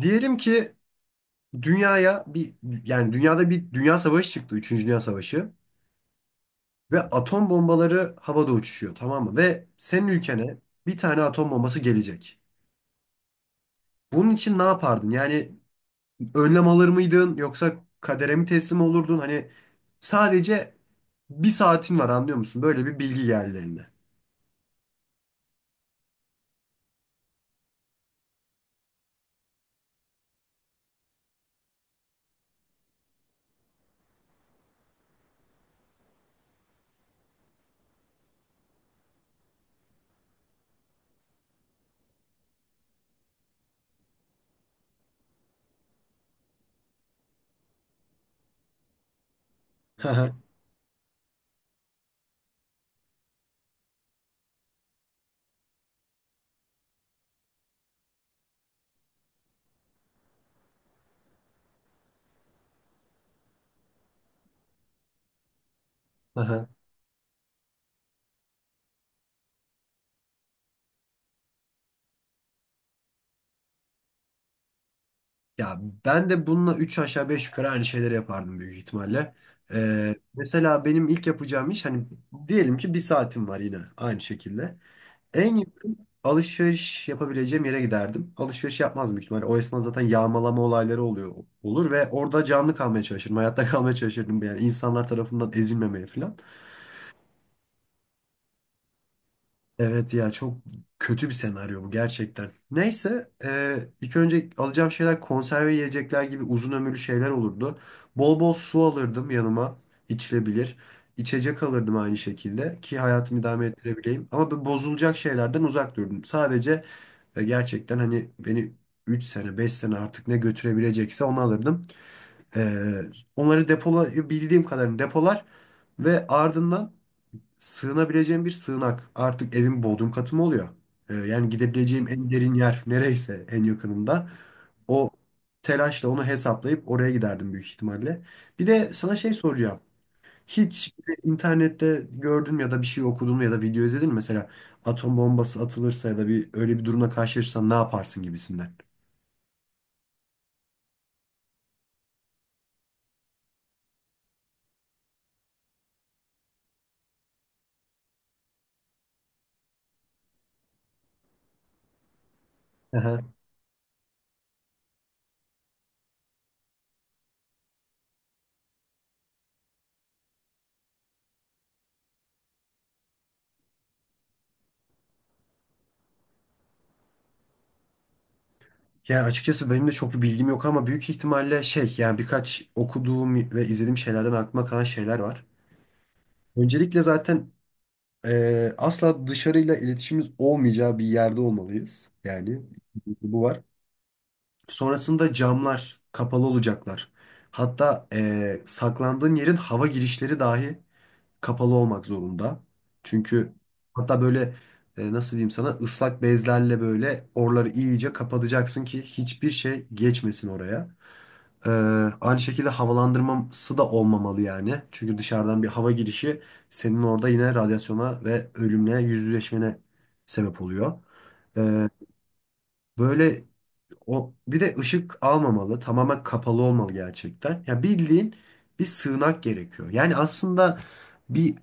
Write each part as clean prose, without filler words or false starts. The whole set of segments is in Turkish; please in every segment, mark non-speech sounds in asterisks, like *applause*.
Diyelim ki dünyaya bir yani dünyada bir dünya savaşı çıktı. Üçüncü Dünya Savaşı. Ve atom bombaları havada uçuşuyor, tamam mı? Ve senin ülkene bir tane atom bombası gelecek. Bunun için ne yapardın? Yani önlem alır mıydın yoksa kadere mi teslim olurdun? Hani sadece bir saatin var, anlıyor musun? Böyle bir bilgi geldi eline. *laughs* Ya ben de bununla 3 aşağı 5 yukarı aynı şeyleri yapardım büyük ihtimalle. Mesela benim ilk yapacağım iş hani, diyelim ki bir saatim var yine aynı şekilde. En yakın alışveriş yapabileceğim yere giderdim. Alışveriş yapmaz büyük ihtimalle. O esnada zaten yağmalama olayları oluyor olur ve orada canlı kalmaya çalışırdım. Hayatta *laughs* kalmaya çalışırdım, yani insanlar tarafından ezilmemeye falan. Evet ya, çok kötü bir senaryo bu gerçekten. Neyse, ilk önce alacağım şeyler konserve yiyecekler gibi uzun ömürlü şeyler olurdu. Bol bol su alırdım yanıma, içilebilir. İçecek alırdım aynı şekilde ki hayatımı idame ettirebileyim. Ama bu bozulacak şeylerden uzak durdum. Sadece gerçekten hani beni 3 sene 5 sene artık ne götürebilecekse onu alırdım. E, Onları depolayabildiğim kadarını depolar ve ardından sığınabileceğim bir sığınak. Artık evin bodrum katı mı oluyor? Yani gidebileceğim en derin yer nereyse en yakınında. O telaşla onu hesaplayıp oraya giderdim büyük ihtimalle. Bir de sana şey soracağım. Hiç böyle internette gördün mü ya da bir şey okudun mu ya da video izledin mi? Mesela atom bombası atılırsa ya da bir öyle bir durumla karşılaşırsan ne yaparsın gibisinden. Aha. Ya açıkçası benim de çok bir bilgim yok ama büyük ihtimalle şey, yani birkaç okuduğum ve izlediğim şeylerden aklıma kalan şeyler var. Öncelikle zaten asla dışarıyla iletişimimiz olmayacağı bir yerde olmalıyız. Yani bu var. Sonrasında camlar kapalı olacaklar. Hatta saklandığın yerin hava girişleri dahi kapalı olmak zorunda. Çünkü hatta böyle, nasıl diyeyim sana, ıslak bezlerle böyle oraları iyice kapatacaksın ki hiçbir şey geçmesin oraya. Ee, Aynı şekilde havalandırması da olmamalı yani. Çünkü dışarıdan bir hava girişi senin orada yine radyasyona ve ölümle yüzleşmene sebep oluyor. Ee, Böyle o, bir de ışık almamalı. Tamamen kapalı olmalı gerçekten. Ya bildiğin bir sığınak gerekiyor. Yani aslında bir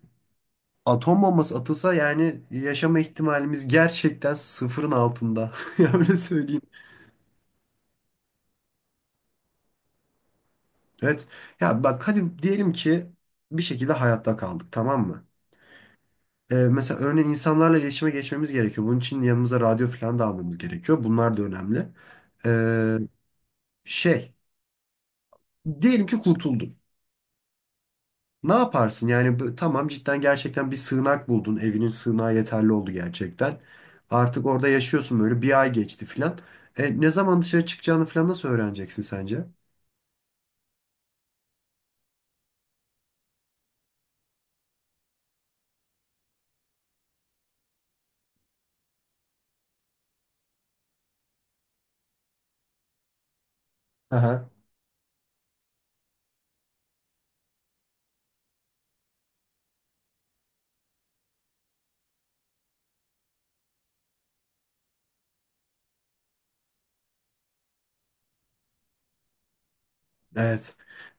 atom bombası atılsa yani yaşama ihtimalimiz gerçekten sıfırın altında. *laughs* Ya öyle söyleyeyim. Evet. Ya bak, hadi diyelim ki bir şekilde hayatta kaldık, tamam mı? Mesela örneğin insanlarla iletişime geçmemiz gerekiyor. Bunun için yanımıza radyo falan da almamız gerekiyor. Bunlar da önemli. Ee, Şey, diyelim ki kurtuldun. Ne yaparsın? Yani tamam, cidden gerçekten bir sığınak buldun. Evinin sığınağı yeterli oldu gerçekten. Artık orada yaşıyorsun, böyle bir ay geçti falan. Ne zaman dışarı çıkacağını falan nasıl öğreneceksin sence? Evet.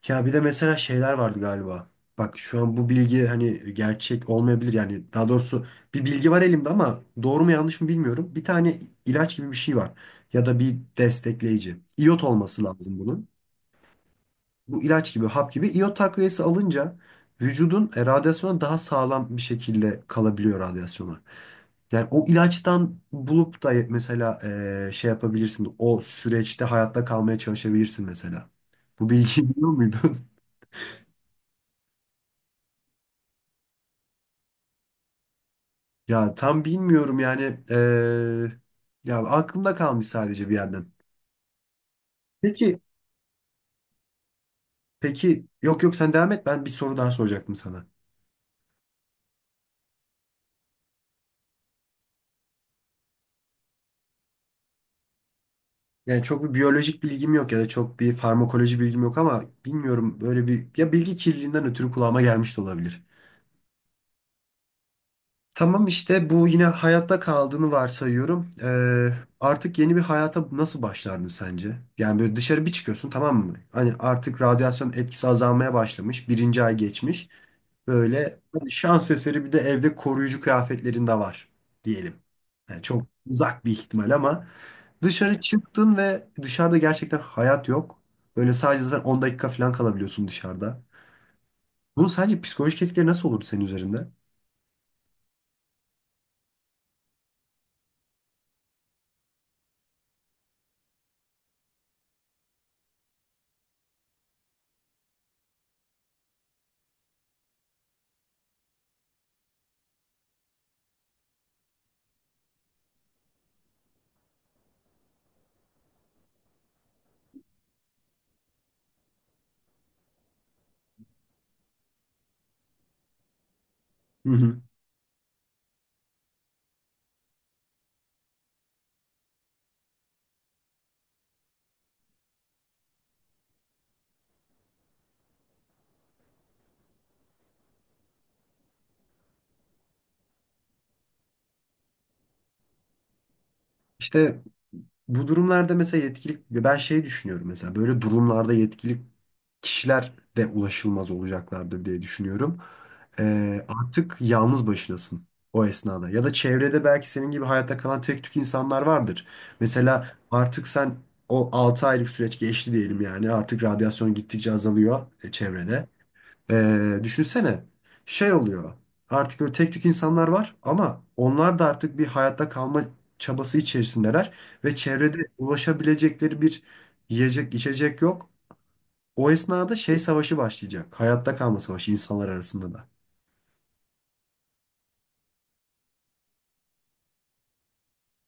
Ya bir de mesela şeyler vardı galiba. Bak şu an bu bilgi hani gerçek olmayabilir, yani daha doğrusu bir bilgi var elimde ama doğru mu yanlış mı bilmiyorum. Bir tane ilaç gibi bir şey var ya da bir destekleyici. İyot olması lazım bunun. Bu ilaç gibi hap gibi iyot takviyesi alınca vücudun, radyasyona daha sağlam bir şekilde kalabiliyor radyasyona. Yani o ilaçtan bulup da mesela, şey yapabilirsin o süreçte, hayatta kalmaya çalışabilirsin mesela. Bu bilgiyi *laughs* biliyor muydun? Ya tam bilmiyorum yani, ya aklımda kalmış sadece bir yerden. Peki peki, yok yok sen devam et, ben bir soru daha soracaktım sana. Yani çok bir biyolojik bilgim yok ya da çok bir farmakoloji bilgim yok ama bilmiyorum, böyle bir, ya bilgi kirliliğinden ötürü kulağıma gelmiş de olabilir. Tamam, işte bu, yine hayatta kaldığını varsayıyorum. Artık yeni bir hayata nasıl başlardın sence? Yani böyle dışarı bir çıkıyorsun, tamam mı? Hani artık radyasyon etkisi azalmaya başlamış. Birinci ay geçmiş. Böyle hani şans eseri bir de evde koruyucu kıyafetlerin de var diyelim. Yani çok uzak bir ihtimal ama dışarı çıktın ve dışarıda gerçekten hayat yok. Böyle sadece zaten 10 dakika falan kalabiliyorsun dışarıda. Bunun sadece psikolojik etkileri nasıl olur senin üzerinde? Hı hı. İşte bu durumlarda mesela, yetkilik ben şey düşünüyorum, mesela böyle durumlarda yetkilik kişiler de ulaşılmaz olacaklardır diye düşünüyorum. Artık yalnız başınasın o esnada, ya da çevrede belki senin gibi hayatta kalan tek tük insanlar vardır. Mesela artık sen o 6 aylık süreç geçti diyelim, yani artık radyasyon gittikçe azalıyor çevrede. Düşünsene, şey oluyor, artık böyle tek tük insanlar var ama onlar da artık bir hayatta kalma çabası içerisindeler ve çevrede ulaşabilecekleri bir yiyecek içecek yok. O esnada şey savaşı başlayacak, hayatta kalma savaşı insanlar arasında da.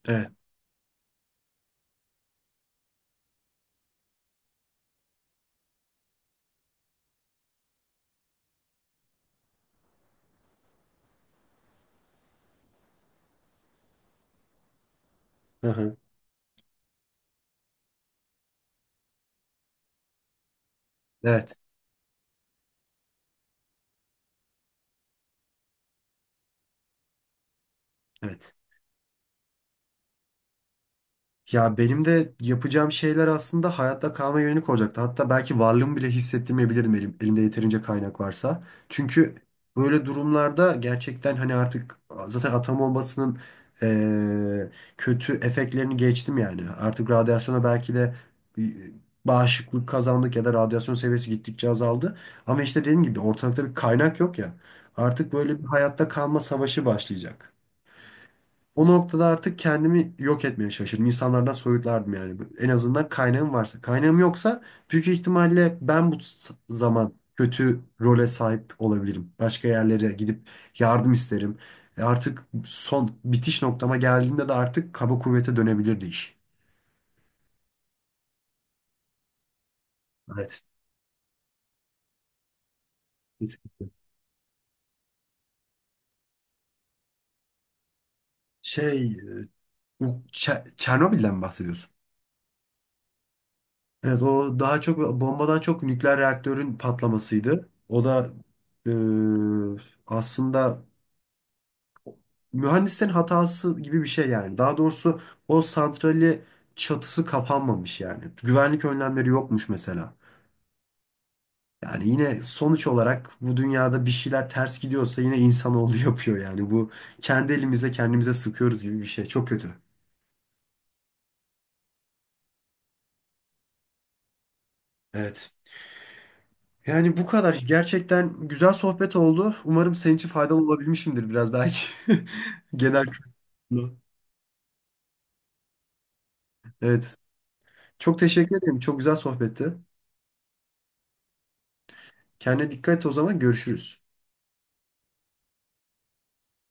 Evet. Hı hı. Evet. Evet. Ya benim de yapacağım şeyler aslında hayatta kalma yönelik olacaktı. Hatta belki varlığımı bile hissettirmeyebilirdim, elimde yeterince kaynak varsa. Çünkü böyle durumlarda gerçekten hani artık zaten atom bombasının, eee, kötü efektlerini geçtim yani. Artık radyasyona belki de e, bağışıklık kazandık ya da radyasyon seviyesi gittikçe azaldı. Ama işte dediğim gibi ortalıkta bir kaynak yok ya. Artık böyle bir hayatta kalma savaşı başlayacak. O noktada artık kendimi yok etmeye çalışırdım. İnsanlardan soyutlardım yani. En azından kaynağım varsa. Kaynağım yoksa büyük ihtimalle ben bu zaman kötü role sahip olabilirim. Başka yerlere gidip yardım isterim. Artık son bitiş noktama geldiğimde de artık kaba kuvvete dönebilirdi iş. Evet. Kesinlikle. Şey, bu Çernobil'den mi bahsediyorsun? Evet, o daha çok bombadan çok nükleer reaktörün patlamasıydı. O da e, aslında mühendislerin hatası gibi bir şey yani. Daha doğrusu o santrali çatısı kapanmamış yani. Güvenlik önlemleri yokmuş mesela. Yani yine sonuç olarak bu dünyada bir şeyler ters gidiyorsa yine insanoğlu *laughs* yapıyor yani. Bu kendi elimizle kendimize sıkıyoruz gibi bir şey. Çok kötü. Evet. Yani bu kadar. Gerçekten güzel sohbet oldu. Umarım senin için faydalı olabilmişimdir biraz belki. *laughs* Genel kültürlü. Evet. Çok teşekkür ederim. Çok güzel sohbetti. Kendine dikkat et, o zaman görüşürüz.